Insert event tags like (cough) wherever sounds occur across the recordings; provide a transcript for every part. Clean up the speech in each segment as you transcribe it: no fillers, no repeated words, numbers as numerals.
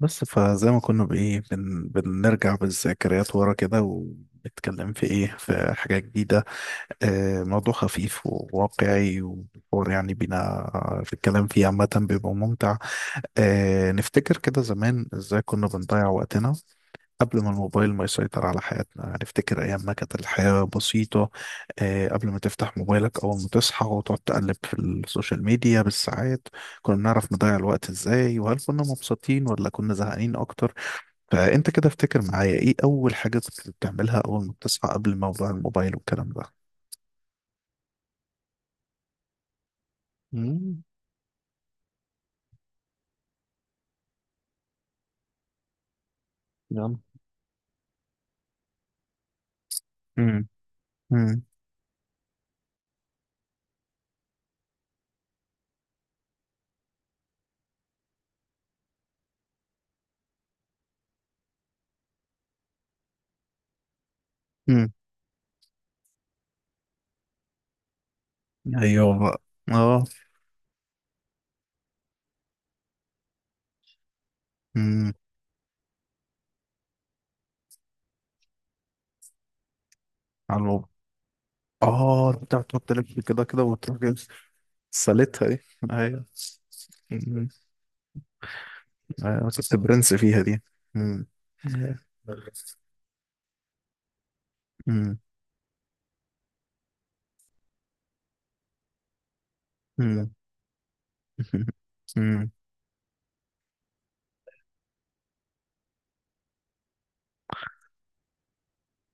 بس فزي ما كنا بإيه بنرجع بالذكريات ورا كده، ونتكلم في إيه، في حاجة جديدة. موضوع خفيف وواقعي، والحوار يعني بينا في الكلام فيه عامة بيبقى ممتع. نفتكر كده زمان إزاي كنا بنضيع وقتنا قبل ما الموبايل ما يسيطر على حياتنا. نفتكر أيام ما كانت الحياة بسيطة. قبل ما تفتح موبايلك أول ما تصحى وتقعد تقلب في السوشيال ميديا بالساعات، كنا بنعرف نضيع الوقت إزاي؟ وهل كنا مبسوطين ولا كنا زهقانين أكتر؟ فانت كده افتكر معايا ايه اول حاجه كنت بتعملها اول ما بتصحى قبل موضوع الموبايل والكلام ده. مم. يلا. امم. امم. امم. ايوه بقى. اه. امم. على الموبايل. اه، انت بتقعد تلف كده وتروح جايب. سالتها دي. ايوه. امم. ايوه، كنت برنس فيها دي. امم. امم. امم. امم.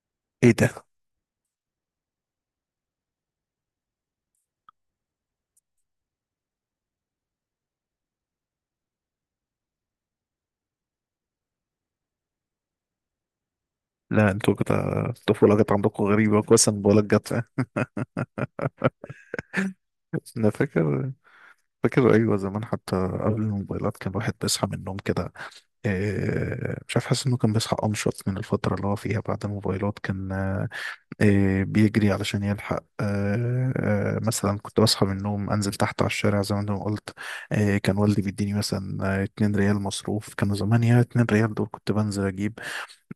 (laughs) ايه ده؟ لا انتوا كده الطفوله جت عندكم غريبه، كويس إن بقولك جت. انا فاكر. فاكر، ايوه زمان حتى. قبل الموبايلات كان الواحد بيصحى من النوم كده، مش عارف، حاسس انه كان بيصحى انشط من الفتره اللي هو فيها بعد الموبايلات. كان بيجري علشان يلحق. مثلا كنت بصحى من النوم انزل تحت على الشارع زي ما انا قلت. كان والدي بيديني مثلا 2 ريال مصروف. كانوا زمان، يا 2 ريال دول كنت بنزل اجيب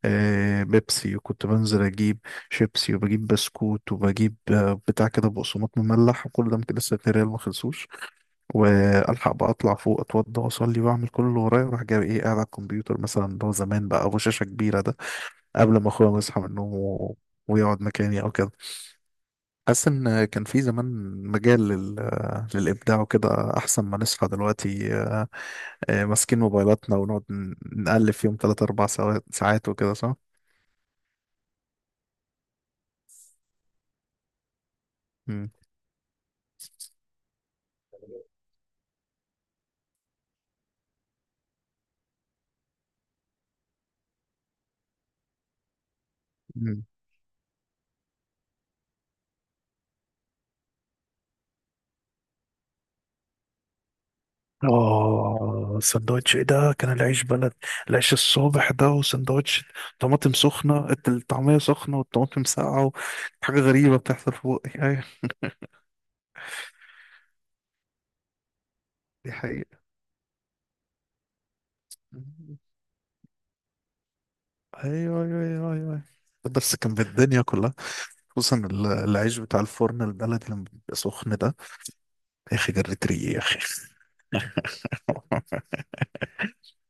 بيبسي، وكنت بنزل اجيب شيبسي، وبجيب بسكوت، وبجيب بتاع كده بقسماط مملح، وكل ده ممكن لسه 2 ريال ما خلصوش. والحق بقى اطلع فوق، اتوضى واصلي واعمل كل اللي ورايا، واروح جاي ايه، قاعد على الكمبيوتر مثلا اللي هو زمان بقى ابو شاشه كبيره ده، قبل ما اخويا يصحى من النوم ويقعد مكاني او كده. حاسس ان كان في زمان مجال للابداع وكده، احسن ما نصحى دلوقتي ماسكين موبايلاتنا ونقعد نقلب فيهم 3 4 ساعات وكده، صح؟ مم. اه، سندوتش ايه ده، كان العيش بلد، العيش الصبح ده، وسندوتش طماطم سخنة، الطعمية سخنة والطماطم ساقعة، حاجة غريبة بتحصل في بقي. ايوه. دي حقيقة. ايوه. ايوه ايوه ايوه أيوه. بس كان بالدنيا كلها خصوصا ال- العيش بتاع الفرن البلدي لما بيبقى سخن ده، يا اخي جريت ريقي يا اخي. (laughs)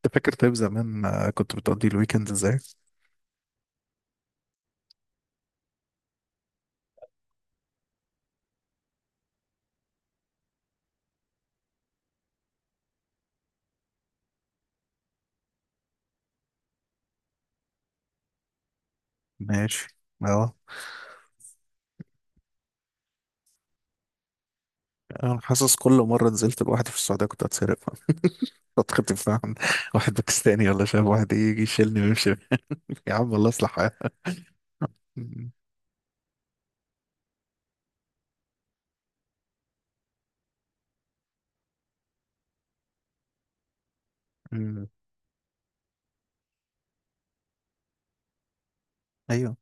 انت فاكر طيب زمان كنت بتقضي الويكند ازاي؟ ماشي. اه. انا حاسس كل مرة نزلت لوحدي في السعودية كنت هتسرق، فترة الفهم، واحد باكستاني ولا شاب واحد يجي يشيلني ويمشي. (laughs) يا عم الله يصلح حالك. أمم. أمم. ايوه.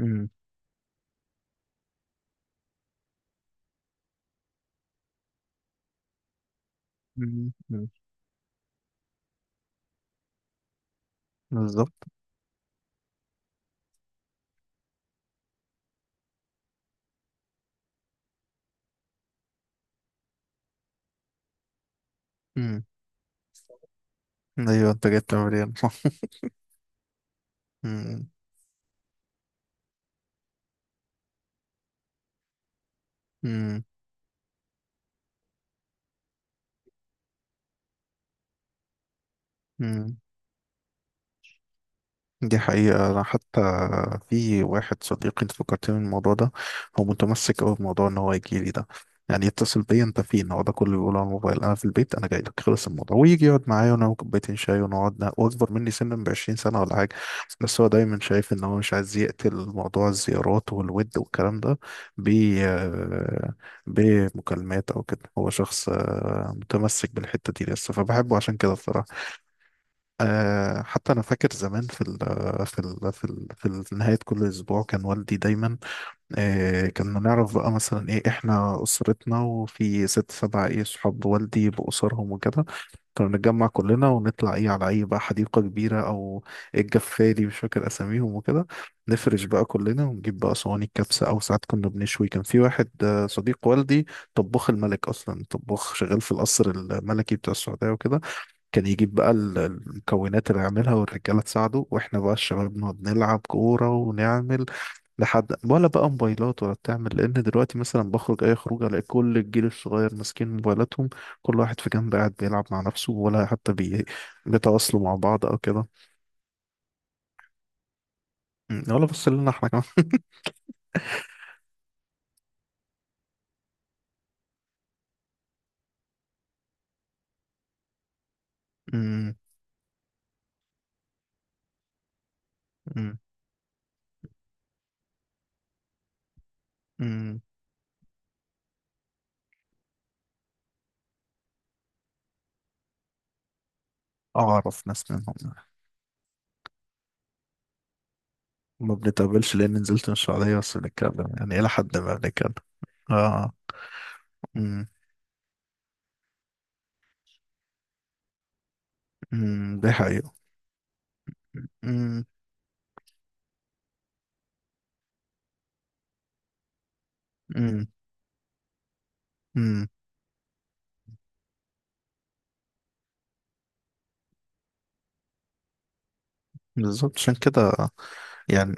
أمم. أمم. أمم. بالظبط. أمم. ايوه، انت جبت مليان صح. (laughs) أمم. أمم. أمم. دي حقيقة. أنا حتى في واحد صديقي، أنت فكرتني بالموضوع ده، هو متمسك أوي بموضوع إن هو يجي لي ده، يعني يتصل بيا أنت فين، هو ده كله بيقوله على الموبايل، أنا في البيت أنا جاي لك خلص الموضوع، ويجي يقعد معايا ونعمل كوبايتين شاي ونقعد وأكبر مني سنا ب20 سنة ولا حاجة. بس هو دايما شايف إن هو مش عايز يقتل موضوع الزيارات والود والكلام ده ب آه، بمكالمات أو كده. هو شخص متمسك بالحتة دي لسه، فبحبه عشان كده. حتى انا فاكر زمان في نهايه كل اسبوع كان والدي دايما كنا نعرف بقى، مثلا ايه، احنا اسرتنا وفي ست سبع ايه صحاب والدي باسرهم وكده، كنا نتجمع كلنا ونطلع ايه، على اي بقى حديقه كبيره او الجفاري، مش فاكر اساميهم وكده، نفرش بقى كلنا ونجيب بقى صواني الكبسه، او ساعات كنا بنشوي. كان في واحد صديق والدي طباخ الملك، اصلا طباخ شغال في القصر الملكي بتاع السعوديه وكده، كان يجيب بقى المكونات اللي يعملها، والرجالة تساعده، واحنا بقى الشباب نقعد نلعب كورة ونعمل لحد ولا بقى موبايلات ولا بتعمل. لان دلوقتي مثلا بخرج اي خروج الاقي كل الجيل الصغير ماسكين موبايلاتهم، كل واحد في جنب قاعد بيلعب مع نفسه، ولا حتى بيتواصلوا مع بعض او كده. أمم، ولا بص لنا احنا كمان. أمم. أمم. أمم. اعرف ناس منهم. ما بنتقابلش لان نزلت من السعودية، بس بنتكلم يعني الى حد ما بنتكلم. اه. أمم. أمم. ده حقيقة. أمم. امم. امم. بالظبط عشان كده. يعني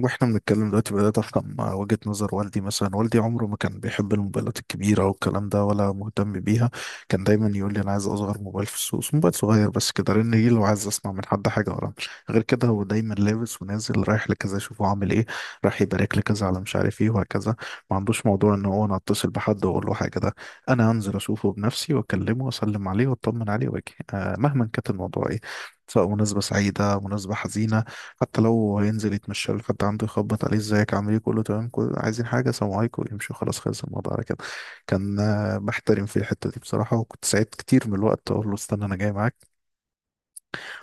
واحنا بنتكلم دلوقتي بدأت افهم وجهة نظر والدي. مثلا والدي عمره ما كان بيحب الموبايلات الكبيرة والكلام ده، ولا مهتم بيها. كان دايما يقول لي انا عايز اصغر موبايل في السوق، موبايل صغير بس كده، لان ايه، لو عايز اسمع من حد حاجة ورا، غير كده هو دايما لابس ونازل رايح لكذا اشوفه عامل ايه، راح يبارك لكذا، على مش عارف ايه، وهكذا. ما عندوش موضوع ان هو انا اتصل بحد واقول له حاجة ده، انا انزل اشوفه بنفسي واكلمه واسلم عليه واطمن عليه واجي، آه مهما كانت الموضوع ايه، سواء مناسبة سعيدة مناسبة حزينة، حتى لو هينزل يتمشى لك حد عنده، يخبط عليه، ازيك، عامل ايه، كله تمام، كله عايزين حاجه، سلام عليكم، يمشوا، خلاص خلص الموضوع على كده. كان بحترم في الحته دي بصراحه، وكنت ساعات كتير من الوقت اقول له استنى انا جاي معاك،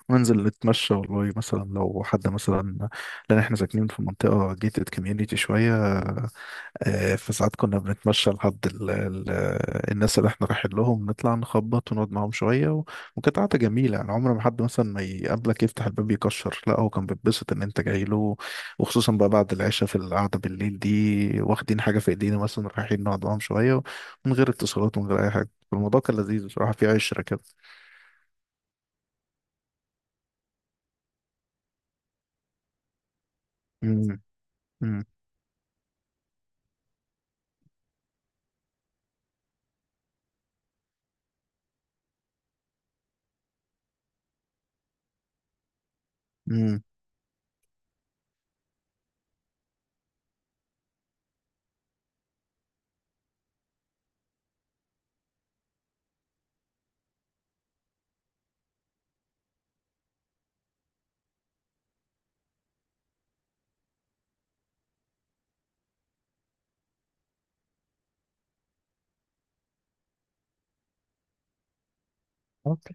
وننزل نتمشى، والله مثلا لو حد مثلا، لان احنا ساكنين في منطقه جيتد كوميونيتي شويه، فساعات كنا بنتمشى لحد ال ال الناس اللي احنا رايحين لهم، نطلع نخبط ونقعد معاهم شوية وكانت قعدة جميلة يعني، عمر ما حد مثلا ما يقابلك يفتح الباب يكشر، لا هو كان بيتبسط ان انت جاي له. وخصوصا بقى بعد العشاء في القعدة بالليل دي واخدين حاجة في ايدينا مثلا رايحين نقعد معاهم شوية، من غير اتصالات ومن غير اي حاجة، الموضوع كان لذيذ بصراحة، في عشرة كده. امم. إمم. إمم.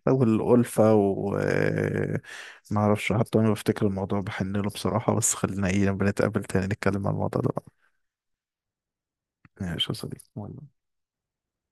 والألفة، وما أعرفش، حتى أنا بفتكر الموضوع بحن له بصراحة. بس خلينا إيه، لما نتقابل تاني نتكلم عن الموضوع ده بقى. ماشي يا صديقي.